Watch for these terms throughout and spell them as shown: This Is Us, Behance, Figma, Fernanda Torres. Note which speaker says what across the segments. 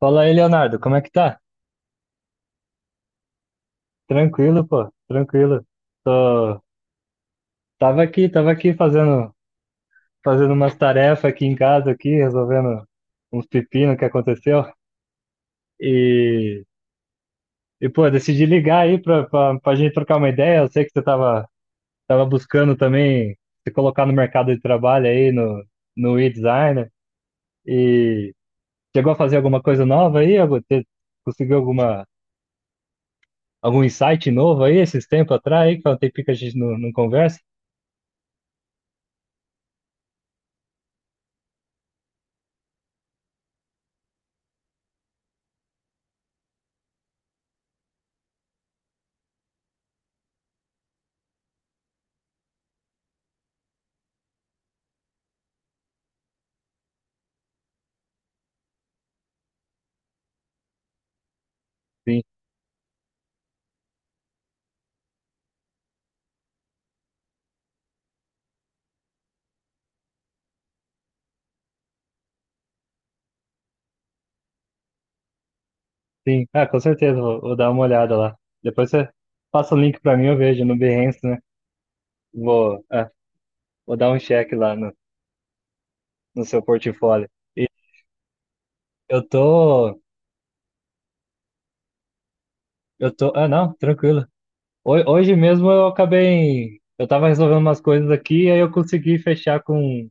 Speaker 1: Fala aí, Leonardo, como é que tá? Tranquilo, pô, tranquilo. Tô- Tava aqui, fazendo umas tarefas aqui em casa, aqui, resolvendo uns pepinos que aconteceu. E, e pô, decidi ligar aí pra gente trocar uma ideia. Eu sei que você tava buscando também se colocar no mercado de trabalho aí, no e-designer. E chegou a fazer alguma coisa nova aí? Conseguiu algum insight novo aí esses tempos atrás aí, que faz um tempinho que a gente não conversa? Sim, ah, com certeza, vou dar uma olhada lá. Depois você passa o link pra mim, eu vejo no Behance, né? Vou, ah, vou dar um check lá no seu portfólio. E eu tô, ah, não, tranquilo. Hoje mesmo eu acabei, eu tava resolvendo umas coisas aqui e aí eu consegui fechar com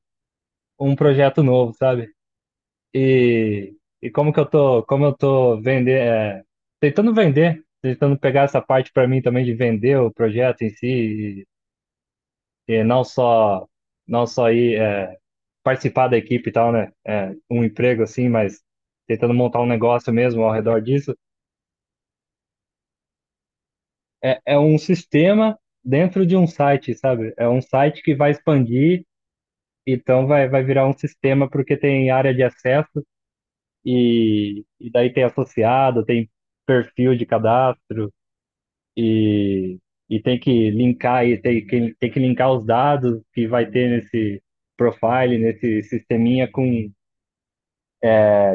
Speaker 1: um projeto novo, sabe? E, e como que eu tô, como eu tô vender, é, tentando vender, tentando pegar essa parte pra mim também de vender o projeto em si e não só ir é, participar da equipe e tal, né? É, um emprego assim, mas tentando montar um negócio mesmo ao redor disso. É, é um sistema dentro de um site, sabe? É um site que vai expandir, então vai virar um sistema porque tem área de acesso e daí tem associado, tem perfil de cadastro e, e tem que linkar e tem que linkar os dados que vai ter nesse profile, nesse sisteminha com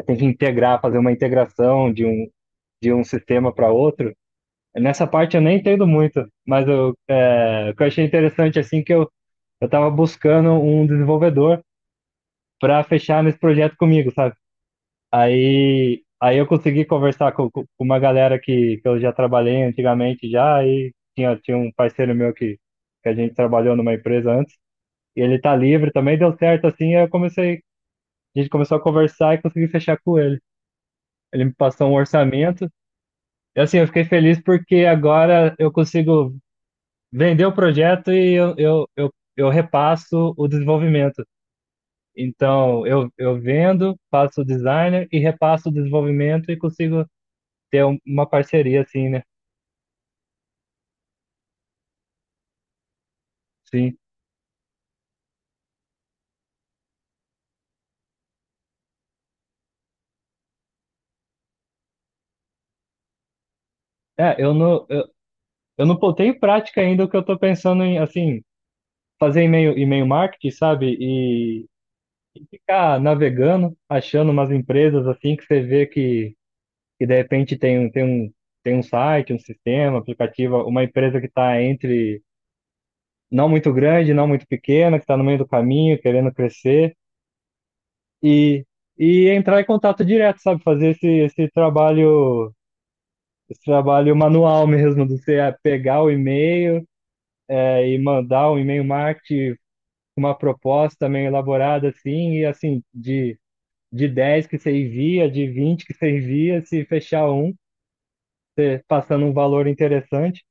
Speaker 1: tem que integrar, fazer uma integração de um sistema para outro. Nessa parte eu nem entendo muito, mas é, o que eu achei interessante assim que eu estava buscando um desenvolvedor para fechar nesse projeto comigo, sabe? Aí eu consegui conversar com uma galera que eu já trabalhei antigamente já e tinha um parceiro meu que a gente trabalhou numa empresa antes e ele tá livre também, deu certo assim, aí eu comecei a gente começou a conversar e consegui fechar com ele. Ele me passou um orçamento. E assim, eu fiquei feliz porque agora eu consigo vender o projeto e eu repasso o desenvolvimento. Então, eu vendo, faço o designer e repasso o desenvolvimento e consigo ter uma parceria assim, né? Sim. É, eu não botei em prática ainda o que eu tô pensando em, assim, fazer e-mail marketing, sabe? E ficar navegando, achando umas empresas assim que você vê que e de repente tem, tem um site, um sistema, um aplicativo, uma empresa que está entre não muito grande, não muito pequena, que está no meio do caminho, querendo crescer, e, e entrar em contato direto, sabe? Fazer esse trabalho manual mesmo, de você pegar o e-mail, e mandar um e-mail marketing com uma proposta meio elaborada, assim, e assim, de. De 10 que você envia, de 20 que você envia, se fechar um, passando um valor interessante.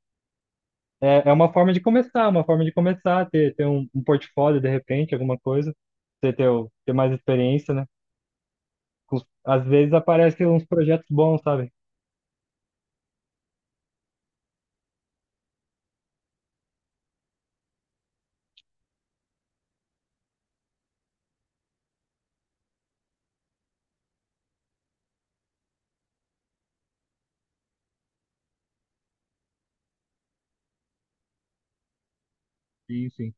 Speaker 1: É, é uma forma de começar, uma forma de começar, ter um, um portfólio de repente, alguma coisa, você ter mais experiência, né? Às vezes aparecem uns projetos bons, sabe? Sim, sim.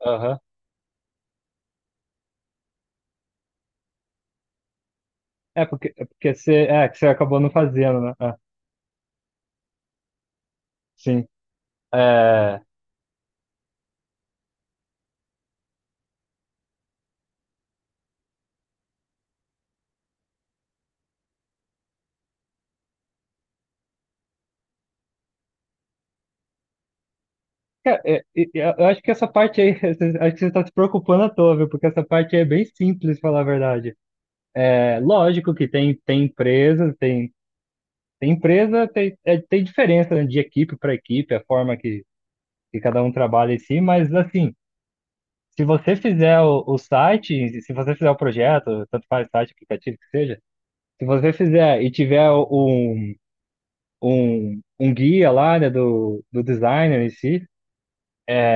Speaker 1: Aham. É porque você, é, que você acabou não fazendo, né? Ah, sim. É, e eu acho que essa parte aí, acho que você está se preocupando à toa, viu? Porque essa parte aí é bem simples, falar a verdade. É lógico que tem, tem empresa, tem, é, tem diferença, né, de equipe para equipe, a forma que cada um trabalha em si, mas assim, se você o site, se você fizer o projeto, tanto faz site, aplicativo que seja, se você fizer e tiver um guia lá, né, do designer em si,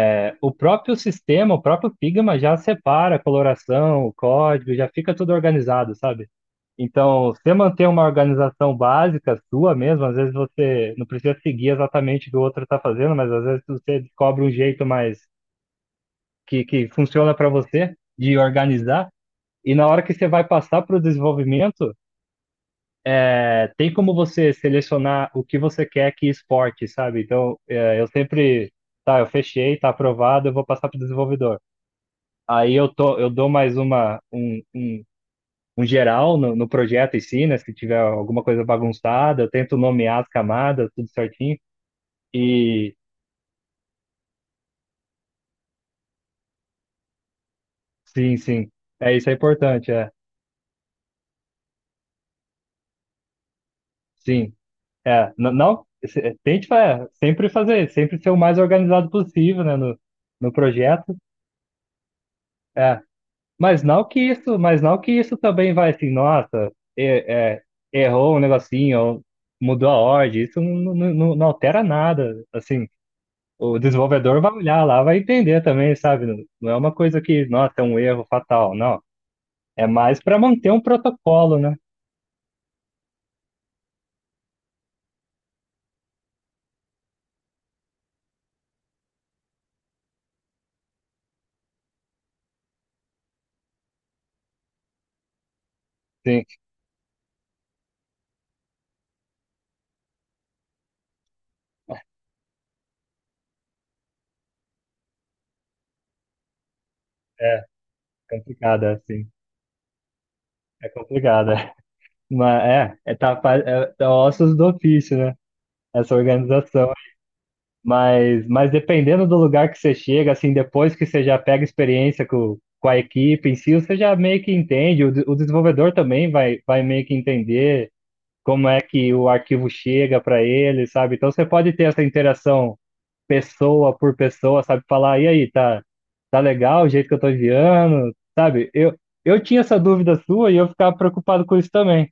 Speaker 1: é, o próprio sistema, o próprio Figma já separa a coloração, o código, já fica tudo organizado, sabe? Então, você manter uma organização básica sua mesmo, às vezes você não precisa seguir exatamente o que o outro está fazendo, mas às vezes você descobre um jeito mais que funciona para você de organizar. E na hora que você vai passar para o desenvolvimento, é, tem como você selecionar o que você quer que exporte, sabe? Então, é, eu sempre, tá, eu fechei, tá aprovado, eu vou passar para o desenvolvedor. Aí eu dou mais um geral no projeto em si, né? Se tiver alguma coisa bagunçada, eu tento nomear as camadas, tudo certinho. E sim, é, isso é importante, é. Sim. É, não, é, sempre fazer, sempre ser o mais organizado possível, né, no, no projeto. É, mas não que isso, mas não que isso também vai assim, nossa, é, errou um negocinho, ou mudou a ordem, isso não altera nada, assim. O desenvolvedor vai olhar lá, vai entender também, sabe? Não, não é uma coisa que, nossa, é um erro fatal, não. É mais para manter um protocolo, né? Sim, é complicado, assim. É complicado, é. Mas é ossos do ofício, né? Essa organização. Mas dependendo do lugar que você chega, assim, depois que você já pega experiência com a equipe em si, você já meio que entende, o desenvolvedor também vai meio que entender como é que o arquivo chega para ele, sabe? Então você pode ter essa interação pessoa por pessoa, sabe? Falar, e aí, tá, tá legal o jeito que eu tô enviando, sabe? Eu tinha essa dúvida sua e eu ficava preocupado com isso também.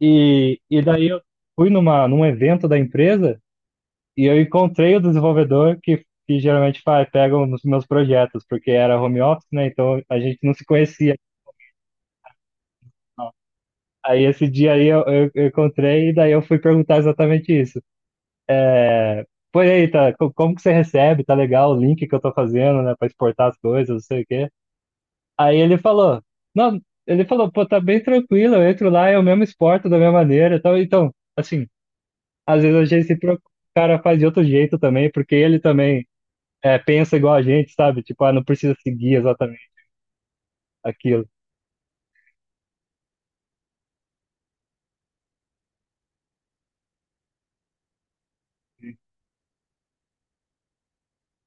Speaker 1: E daí eu fui num evento da empresa e eu encontrei o desenvolvedor que geralmente faz, pega nos meus projetos, porque era home office, né? Então a gente não se conhecia. Aí esse dia aí eu encontrei e daí eu fui perguntar exatamente isso. É, pô, e aí, tá, como que você recebe? Tá legal o link que eu tô fazendo, né, pra exportar as coisas, não sei o quê. Aí ele falou, não, ele falou, pô, tá bem tranquilo, eu entro lá, eu mesmo exporto da minha maneira. Então, então assim, às vezes a gente se preocupa, o cara faz de outro jeito também, porque ele também é, pensa igual a gente, sabe? Tipo, ah, não precisa seguir exatamente aquilo.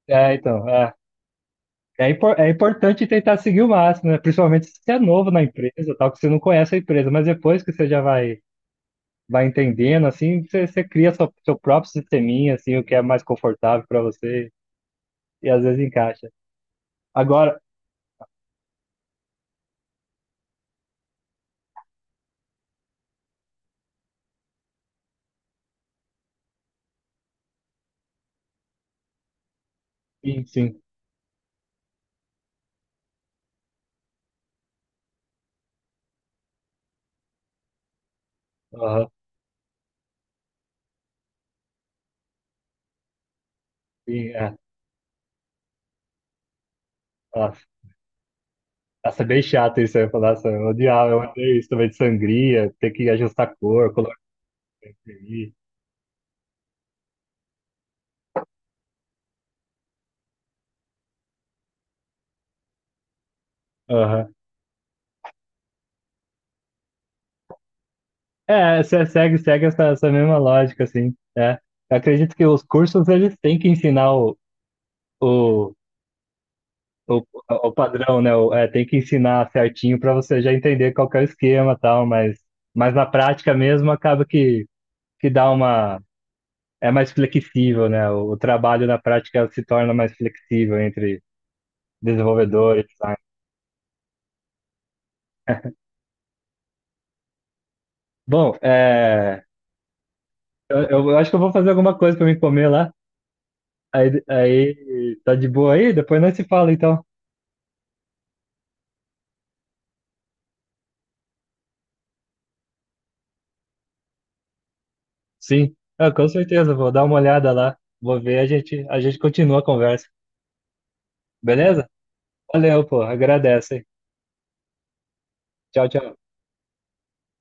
Speaker 1: É, então, é. É, é importante tentar seguir o máximo, né? Principalmente se você é novo na empresa, tal, que você não conhece a empresa, mas depois que você já vai, vai entendendo, assim, você, você cria seu próprio sisteminha, assim, o que é mais confortável para você, e às vezes encaixa. Agora, sim, sim. Aham, sim, é. Tá. Nossa, é bem chato isso. Eu ia falar, nossa, eu odiava, eu odeio isso também de sangria, ter que ajustar a cor, colocar, imprimir. Aham. É, se- segue, segue essa, essa mesma lógica, assim, né? Eu acredito que os cursos, eles têm que ensinar o, o, o padrão, né? É, tem que ensinar certinho para você já entender qual que é o esquema e tal, mas na prática mesmo acaba que dá uma... É mais flexível, né? O trabalho na prática se torna mais flexível entre desenvolvedores e design. Bom, é, eu acho que eu vou fazer alguma coisa pra me comer lá. Tá de boa aí? Depois nós se fala, então. Sim. Ah, com certeza, vou dar uma olhada lá. Vou ver, a gente continua a conversa. Beleza? Valeu, pô. Agradece. Tchau, tchau.